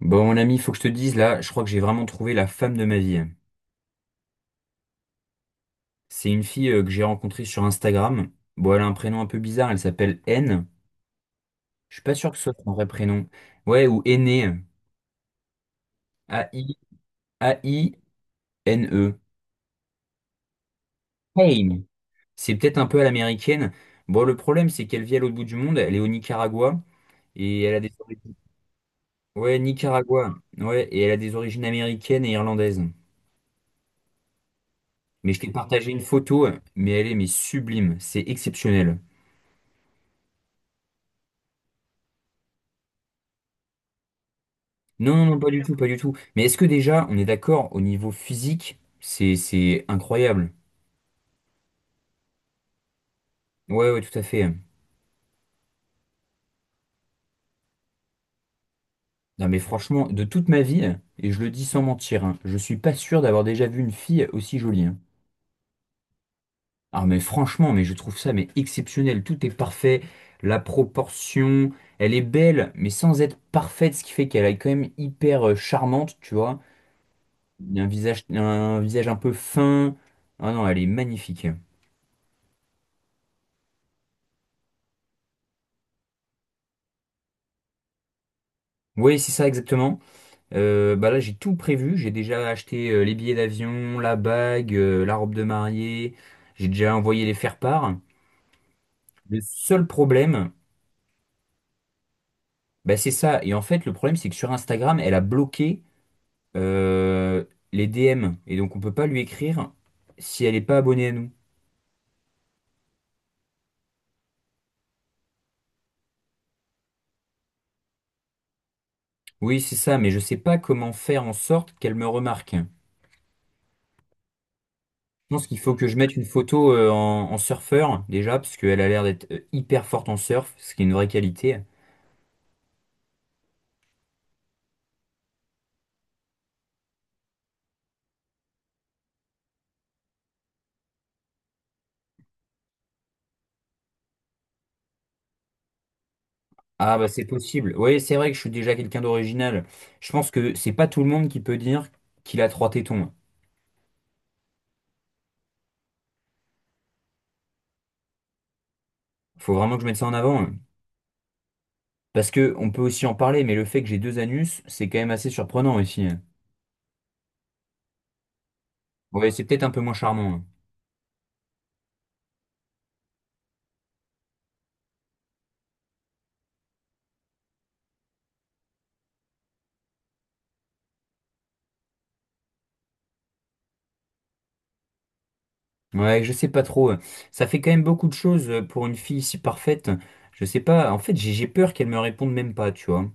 Bon, mon ami, faut que je te dise là, je crois que j'ai vraiment trouvé la femme de ma vie. C'est une fille que j'ai rencontrée sur Instagram. Bon, elle a un prénom un peu bizarre, elle s'appelle N. Je suis pas sûr que ce soit son vrai prénom. Ouais, ou Aîné. A-I, A-I-N-E. Aine. C'est peut-être un peu à l'américaine. Bon, le problème, c'est qu'elle vit à l'autre bout du monde, elle est au Nicaragua, et elle a des origines. Ouais, Nicaragua. Ouais, et elle a des origines américaines et irlandaises. Mais je t'ai partagé une photo, mais elle est mais sublime, c'est exceptionnel. Non, non, non, pas du tout, pas du tout. Mais est-ce que déjà, on est d'accord, au niveau physique, c'est incroyable. Ouais, ouais, tout à fait. Non, mais franchement, de toute ma vie, et je le dis sans mentir, hein, je suis pas sûr d'avoir déjà vu une fille aussi jolie, hein. Ah, mais franchement, mais je trouve ça mais exceptionnel. Tout est parfait. La proportion, elle est belle, mais sans être parfaite, ce qui fait qu'elle est quand même hyper charmante, tu vois. Il y a un visage, un visage un peu fin. Ah non, elle est magnifique. Oui, c'est ça exactement. Bah là, j'ai tout prévu. J'ai déjà acheté les billets d'avion, la bague, la robe de mariée. J'ai déjà envoyé les faire-part. Le seul problème, bah, c'est ça. Et en fait, le problème, c'est que sur Instagram, elle a bloqué euh, les DM. Et donc, on peut pas lui écrire si elle n'est pas abonnée à nous. Oui, c'est ça, mais je sais pas comment faire en sorte qu'elle me remarque. Je pense qu'il faut que je mette une photo en, en surfeur, déjà, parce qu'elle a l'air d'être hyper forte en surf, ce qui est une vraie qualité. Ah bah c'est possible. Oui, c'est vrai que je suis déjà quelqu'un d'original. Je pense que c'est pas tout le monde qui peut dire qu'il a trois tétons. Faut vraiment que je mette ça en avant, hein. Parce que on peut aussi en parler, mais le fait que j'ai deux anus, c'est quand même assez surprenant aussi, hein. Ouais, c'est peut-être un peu moins charmant, hein. Ouais, je sais pas trop, hein. Ça fait quand même beaucoup de choses pour une fille si parfaite. Je sais pas. En fait, j'ai peur qu'elle me réponde même pas, tu vois.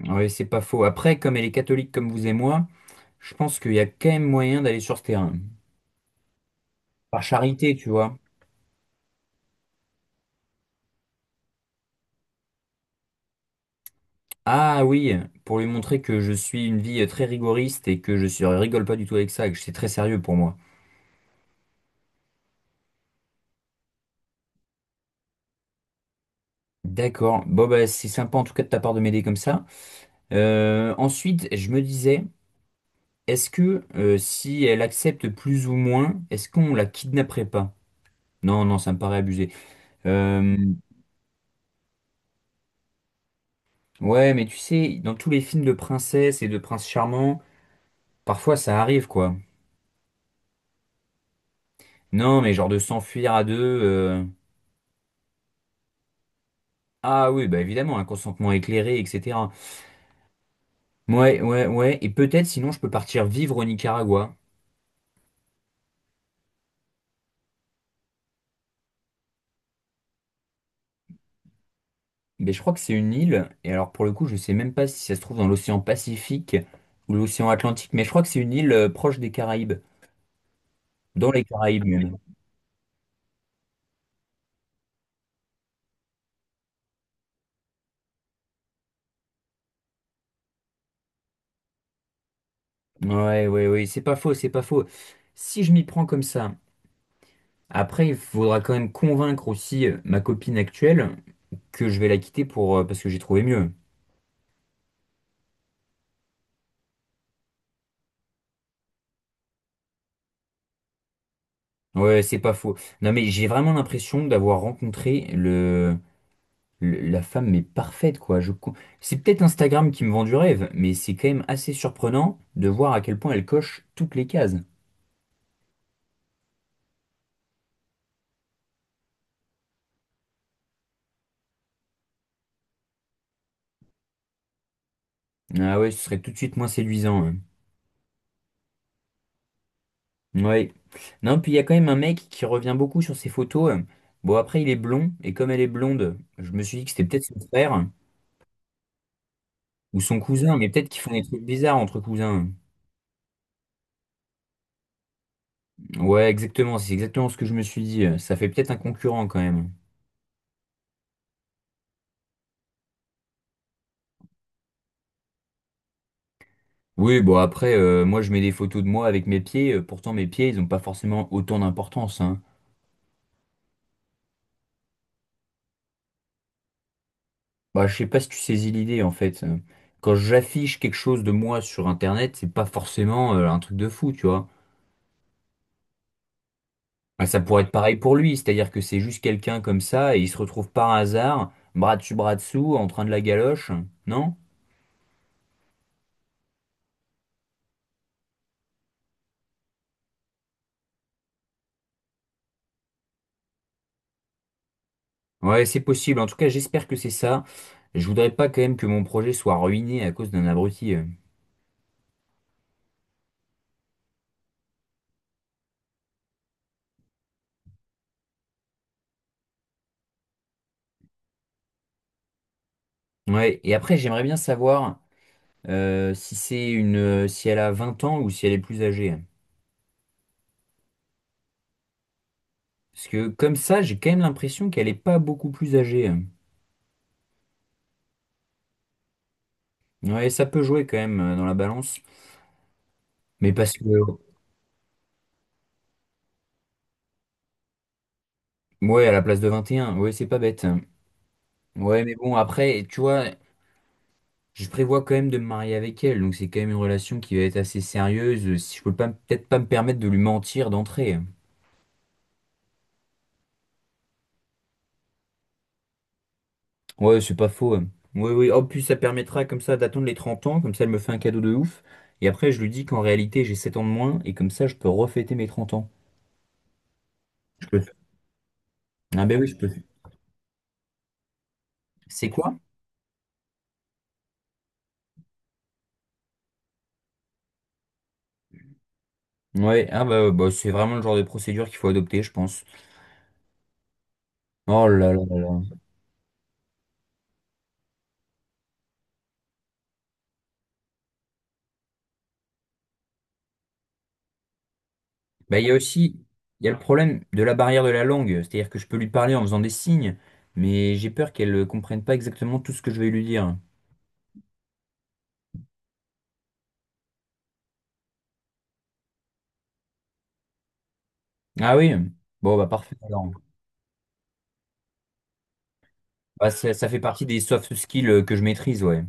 Ouais, c'est pas faux. Après, comme elle est catholique comme vous et moi, je pense qu'il y a quand même moyen d'aller sur ce terrain. Par charité, tu vois. Ah oui, pour lui montrer que je suis une vie très rigoriste et que je suis, rigole pas du tout avec ça, et que c'est très sérieux pour moi. D'accord. Bon, bah, c'est sympa en tout cas de ta part de m'aider comme ça. Ensuite, je me disais, est-ce que si elle accepte plus ou moins, est-ce qu'on la kidnapperait pas? Non, non, ça me paraît abusé. Euh, ouais, mais tu sais, dans tous les films de princesses et de princes charmants, parfois ça arrive quoi. Non, mais genre de s'enfuir à deux. euh, Ah oui, bah évidemment, un consentement éclairé, etc. Ouais, ouais, ouais. Et peut-être sinon je peux partir vivre au Nicaragua. Mais je crois que c'est une île. Et alors pour le coup, je sais même pas si ça se trouve dans l'océan Pacifique ou l'océan Atlantique. Mais je crois que c'est une île proche des Caraïbes. Dans les Caraïbes même. Ouais, ouais, ouais. C'est pas faux, c'est pas faux. Si je m'y prends comme ça, après il faudra quand même convaincre aussi ma copine actuelle que je vais la quitter pour parce que j'ai trouvé mieux. Ouais, c'est pas faux. Non mais j'ai vraiment l'impression d'avoir rencontré la femme mais parfaite quoi. C'est peut-être Instagram qui me vend du rêve, mais c'est quand même assez surprenant de voir à quel point elle coche toutes les cases. Ah ouais, ce serait tout de suite moins séduisant, hein. Ouais. Non, puis il y a quand même un mec qui revient beaucoup sur ses photos. Bon, après, il est blond, et comme elle est blonde, je me suis dit que c'était peut-être son frère ou son cousin, mais peut-être qu'ils font des trucs bizarres entre cousins. Ouais, exactement, c'est exactement ce que je me suis dit. Ça fait peut-être un concurrent quand même. Oui, bon après, moi je mets des photos de moi avec mes pieds, pourtant mes pieds, ils n'ont pas forcément autant d'importance, hein. Bah, je sais pas si tu saisis l'idée en fait. Quand j'affiche quelque chose de moi sur Internet, c'est pas forcément un truc de fou, tu vois. Bah, ça pourrait être pareil pour lui, c'est-à-dire que c'est juste quelqu'un comme ça et il se retrouve par hasard, bras dessus, bras dessous, en train de la galoche, non? Ouais, c'est possible, en tout cas j'espère que c'est ça. Je voudrais pas quand même que mon projet soit ruiné à cause d'un abruti. Ouais, et après j'aimerais bien savoir. Si c'est une, si elle a 20 ans ou si elle est plus âgée. Parce que comme ça, j'ai quand même l'impression qu'elle est pas beaucoup plus âgée. Ouais, ça peut jouer quand même dans la balance. Mais parce que, ouais, à la place de 21 ouais, c'est pas bête. Ouais, mais bon, après, tu vois, je prévois quand même de me marier avec elle. Donc c'est quand même une relation qui va être assez sérieuse. Si je peux pas, peut-être pas me permettre de lui mentir d'entrée. Ouais, c'est pas faux, hein. Oui, oui. En plus, ça permettra comme ça d'attendre les 30 ans, comme ça elle me fait un cadeau de ouf. Et après, je lui dis qu'en réalité, j'ai 7 ans de moins, et comme ça, je peux refêter mes 30 ans. Je peux Ah ben oui, je peux. C'est quoi? Ouais, ah bah, bah, c'est vraiment le genre de procédure qu'il faut adopter, je pense. Oh là là là là. Bah, il y a aussi, il y a le problème de la barrière de la langue, c'est-à-dire que je peux lui parler en faisant des signes, mais j'ai peur qu'elle ne comprenne pas exactement tout ce que je vais lui dire. Ah oui? Bon, bah parfait alors. Bah, ça fait partie des soft skills que je maîtrise, ouais.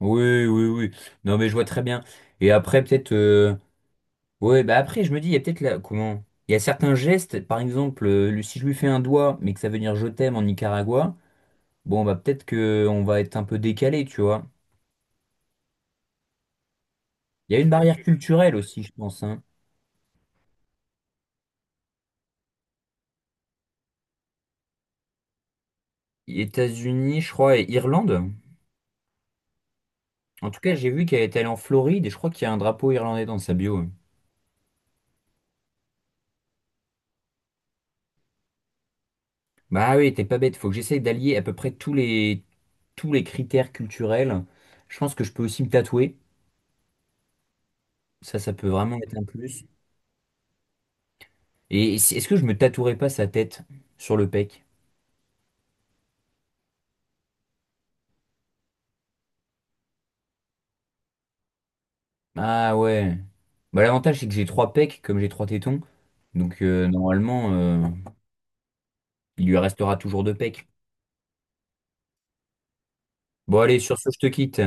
Oui, oui, oui. Non, mais je vois très bien. Et après, peut-être. Ouais, bah après, je me dis, il y a peut-être là. Comment? Il y a certains gestes, par exemple, si je lui fais un doigt, mais que ça veut dire je t'aime en Nicaragua, bon, bah peut-être que on va être un peu décalé, tu vois. Il y a une barrière culturelle aussi, je pense, hein. États-Unis, je crois, et Irlande. En tout cas, j'ai vu qu'elle est allée en Floride et je crois qu'il y a un drapeau irlandais dans sa bio. Bah oui, t'es pas bête, faut que j'essaye d'allier à peu près tous les critères culturels. Je pense que je peux aussi me tatouer. Ça peut vraiment être un plus. Et si, est-ce que je me tatouerais pas sa tête sur le pec? Ah ouais. Bah, l'avantage, c'est que j'ai trois pecs, comme j'ai trois tétons. Donc, normalement, il lui restera toujours deux pecs. Bon, allez, sur ce, je te quitte.